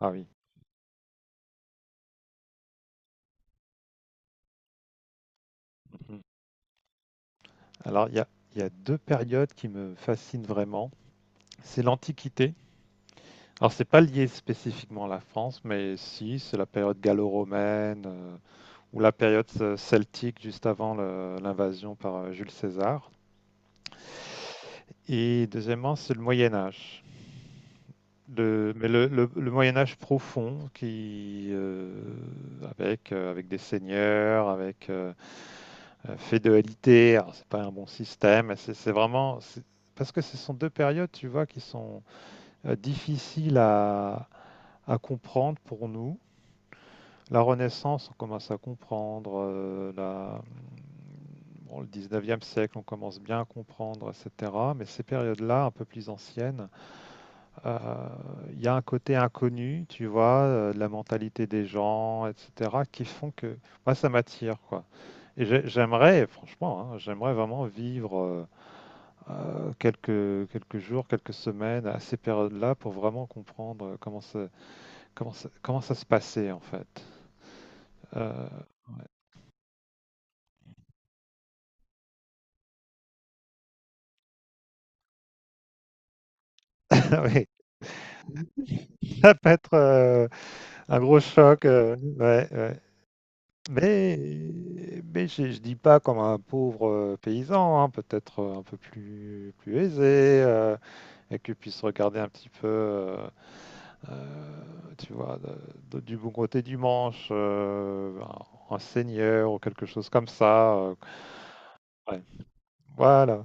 Ah oui. Mhm. Alors, il y a deux périodes qui me fascinent vraiment. C'est l'Antiquité. Alors, c'est pas lié spécifiquement à la France, mais si, c'est la période gallo-romaine ou la période celtique juste avant l'invasion par Jules César. Et deuxièmement, c'est le Moyen Âge. Mais le Moyen Âge profond, qui avec des seigneurs, avec féodalité, alors c'est pas un bon système. Mais c'est vraiment. Parce que ce sont deux périodes, tu vois, qui sont difficiles à comprendre pour nous. La Renaissance, on commence à comprendre. Bon, le 19e siècle, on commence bien à comprendre, etc. Mais ces périodes-là, un peu plus anciennes. Euh, Il y a un côté inconnu, tu vois, de la mentalité des gens, etc., qui font que moi, ça m'attire, quoi. Et j'aimerais, franchement, hein, j'aimerais vraiment vivre quelques jours, quelques semaines à ces périodes-là pour vraiment comprendre comment ça se passait, en fait. Euh, oui, ça peut être un gros choc. Ouais, ouais. Mais je ne dis pas comme un pauvre paysan, hein, peut-être un peu plus aisé, et que puisse regarder un petit peu, tu vois, du bon côté du manche, un seigneur ou quelque chose comme ça. Ouais, voilà.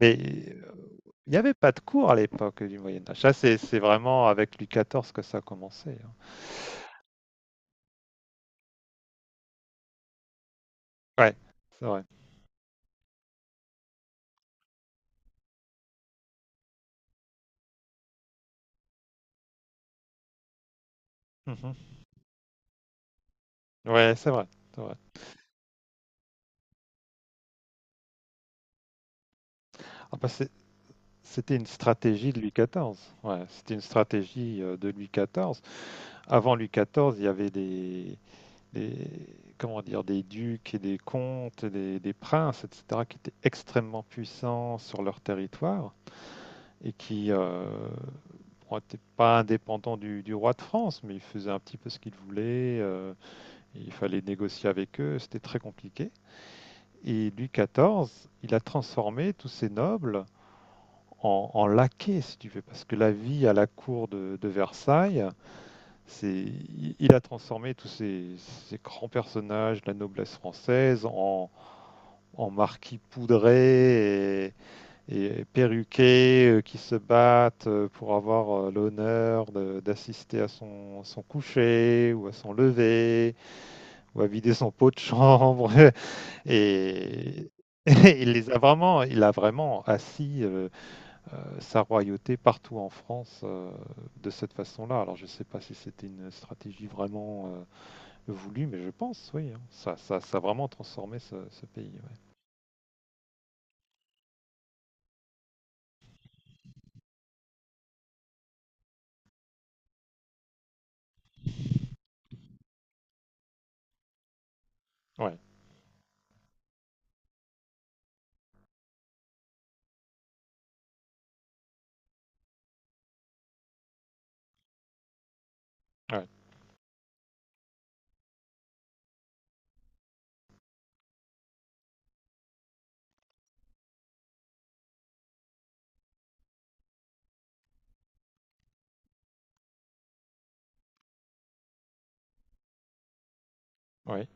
Mais euh, il n'y avait pas de cours à l'époque du Moyen Âge. Ça, c'est vraiment avec Louis XIV que ça a commencé. Hein. Ouais, c'est vrai. Mhm. Ouais, c'est vrai. C'est vrai. Ah bah, c'était une stratégie de Louis XIV. Ouais, c'était une stratégie de Louis XIV. Avant Louis XIV, il y avait des, comment dire, des ducs et des comtes, et des princes, etc., qui étaient extrêmement puissants sur leur territoire et qui n'étaient pas indépendants du roi de France, mais ils faisaient un petit peu ce qu'ils voulaient. Il fallait négocier avec eux. C'était très compliqué. Et Louis XIV, il a transformé tous ces nobles en laquais, si tu veux, parce que la vie à la cour de Versailles, c'est, il a transformé tous ces grands personnages de la noblesse française en marquis poudrés et perruqués qui se battent pour avoir l'honneur d'assister à son coucher ou à son lever ou à vider son pot de chambre. Et, et il a vraiment assis sa royauté partout en France de cette façon-là. Alors je ne sais pas si c'était une stratégie vraiment voulue, mais je pense, oui. Hein. Ça a vraiment transformé ce pays. Ouais, ouais, ouais,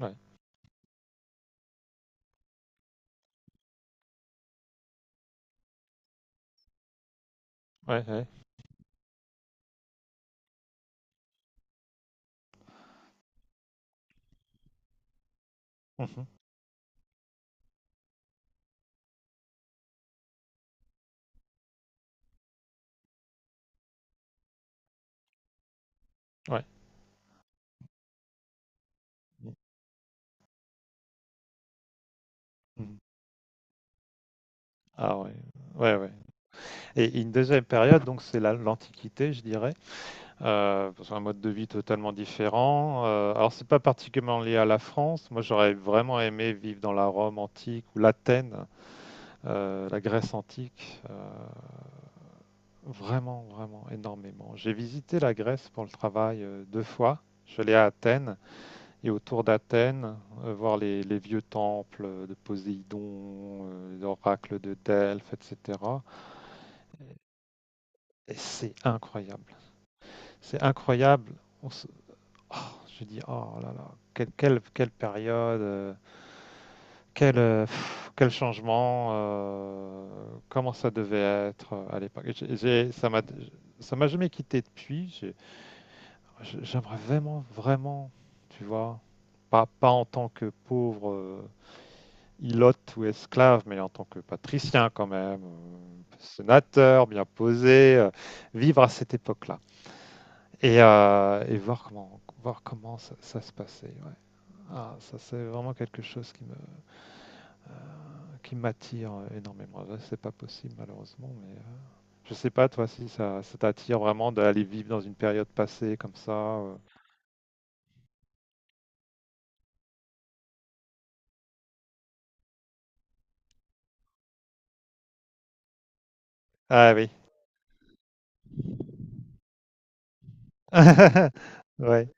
ouais, ouais, ouais. Ouais. Mhm. Ouais. Mhm. Ah ouais, ouais, ouais. Et une deuxième période, donc c'est l'Antiquité, je dirais. Parce qu'un mode de vie totalement différent. Alors c'est pas particulièrement lié à la France. Moi, j'aurais vraiment aimé vivre dans la Rome antique ou l'Athènes. La Grèce antique, vraiment, vraiment énormément. J'ai visité la Grèce pour le travail deux fois. Je suis allé à Athènes et autour d'Athènes, voir les vieux temples de Poséidon, l'oracle de Delphes, etc. Et c'est incroyable. C'est incroyable. On se... oh, je dis, oh là là, quelle période. Quel changement, comment ça devait être à l'époque. Ça m'a jamais quitté depuis. J'aimerais vraiment, vraiment, tu vois, pas en tant que pauvre ilote ou esclave, mais en tant que patricien quand même, sénateur, bien posé, vivre à cette époque-là et voir comment ça se passait. Ouais. Ah, ça, c'est vraiment quelque chose qui m'attire énormément. C'est pas possible malheureusement, mais je sais pas toi si ça t'attire vraiment d'aller vivre dans une période passée comme ça. Ah oui. Ouais.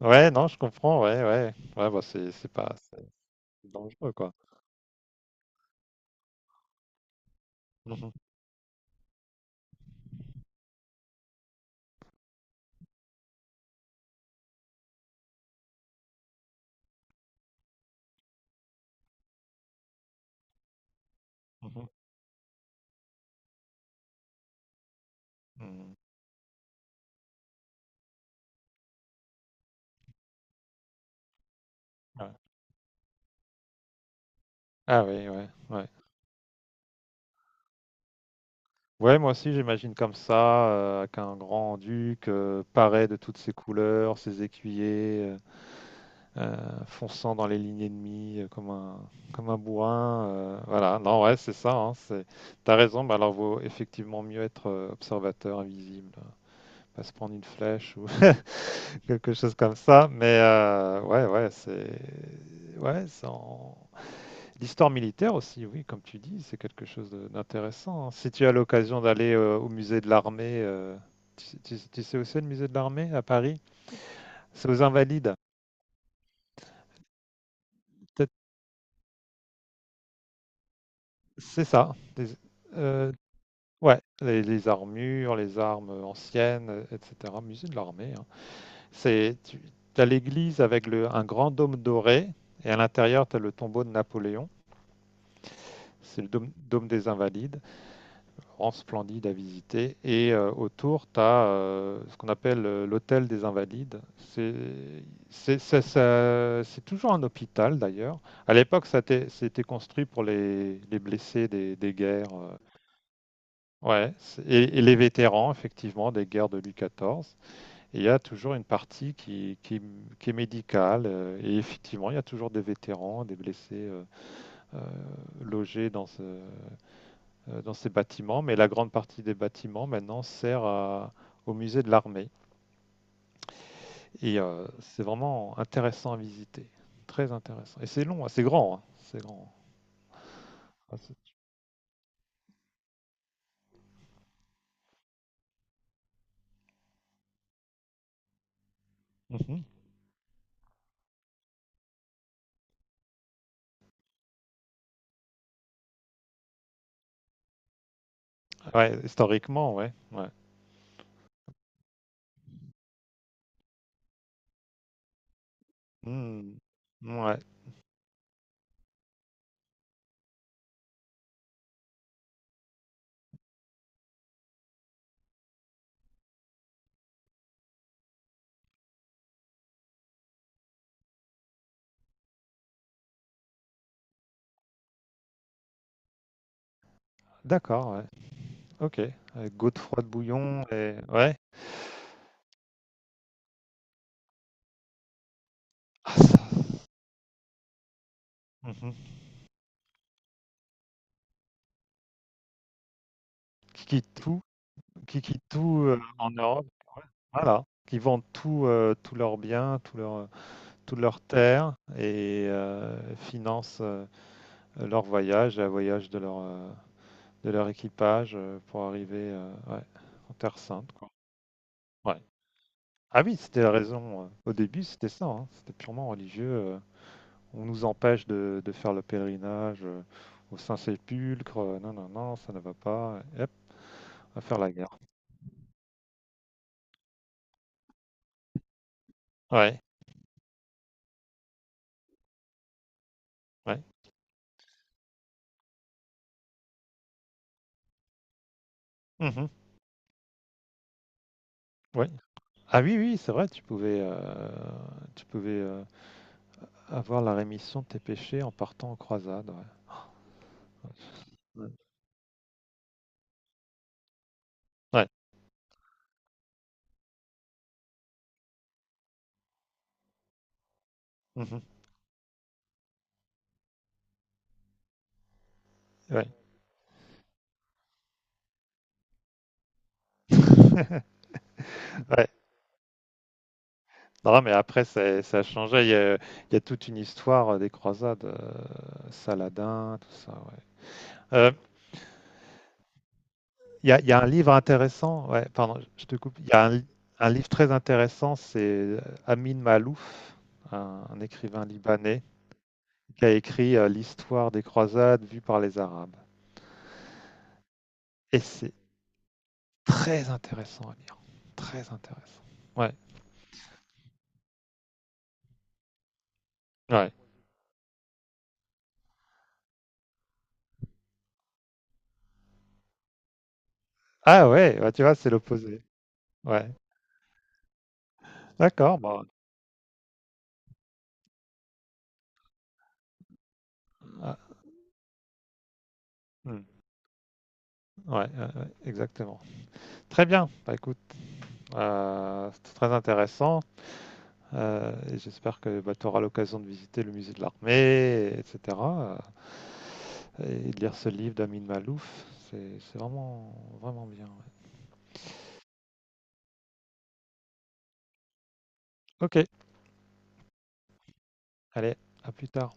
Ouais, non, je comprends, ouais, ouais. Ouais, bah c'est pas c'est dangereux quoi. Mhm. Mhm. Mhm. Ouais. Ah oui, ouais, ouais. Ouais, moi aussi, j'imagine comme ça, avec un grand-duc paré de toutes ses couleurs, ses écuyers, fonçant dans les lignes ennemies comme un bourrin. Voilà, non, ouais, c'est ça. Hein. T'as raison, bah alors vaut effectivement mieux être observateur invisible, hein, pas se prendre une flèche ou quelque chose comme ça. Mais ouais, ouais. Ouais, c'est en- L'histoire militaire aussi, oui, comme tu dis, c'est quelque chose d'intéressant. Hein. Si tu as l'occasion d'aller au musée de l'armée, tu sais où c'est le musée de l'armée à Paris? C'est aux Invalides. Peut-être- C'est ça. Euh, ouais, les armures, les armes anciennes, etc. Musée de l'armée. Hein. Tu as l'église avec un grand dôme doré et à l'intérieur, tu as le tombeau de Napoléon. C'est le dôme des Invalides. Grand, splendide à visiter. Et autour, tu as ce qu'on appelle l'hôtel des Invalides. C'est toujours un hôpital d'ailleurs. À l'époque, ça a été construit pour les blessés des guerres. Ouais, et les vétérans, effectivement, des guerres de Louis XIV. Et il y a toujours une partie qui est médicale. Et effectivement, il y a toujours des vétérans, des blessés euh, logés dans ces bâtiments, mais la grande partie des bâtiments maintenant sert au musée de l'armée. Et c'est vraiment intéressant à visiter, très intéressant. Et c'est long, hein, c'est grand, hein, c'est grand. Ah, c'est- Mhm. Ouais, historiquement, ouais, ouais. Hmm. Ouais, d'accord, ouais. Ok. Avec Godefroy de Bouillon et ouais. Ah, ça- Mhm. Qui quittent tout, qui quittent tout en Europe, voilà. Qui vendent tout, tous leurs biens, toutes leurs terres et financent le voyage de leur équipage pour arriver ouais, en Terre Sainte. Quoi. Ouais. Ah oui, c'était la raison. Au début, c'était ça. Hein. C'était purement religieux. On nous empêche de faire le pèlerinage au Saint-Sépulcre. Non, non, non, ça ne va pas. Et hop, à faire la guerre. Ouais, ouais. Mhm, ouais. Ah oui, oui, c'est vrai, tu pouvais avoir la rémission de tes péchés en partant en croisade. Ouais. Ouais. Mhm, ouais. Ouais, non, mais après, ça a changé. Il y a toute une histoire des croisades, Saladin, tout ça. Ouais. Euh, il y a un livre intéressant. Ouais, pardon, je te coupe. Il y a un livre très intéressant, c'est Amin Malouf, un écrivain libanais, qui a écrit l'histoire des croisades vue par les Arabes. Et c'est très intéressant à lire. Très intéressant. Ouais. Ouais. Ah ouais, bah tu vois, c'est l'opposé. Ouais. D'accord. Bon. Ah, hmm. Ouais, ouais, ouais, exactement. Très bien. Bah, écoute, c'est très intéressant. Et j'espère que bah, tu auras l'occasion de visiter le musée de l'armée, etc. Et de lire ce livre d'Amin Malouf. C'est vraiment, vraiment bien. Ouais. Ok, allez, à plus tard.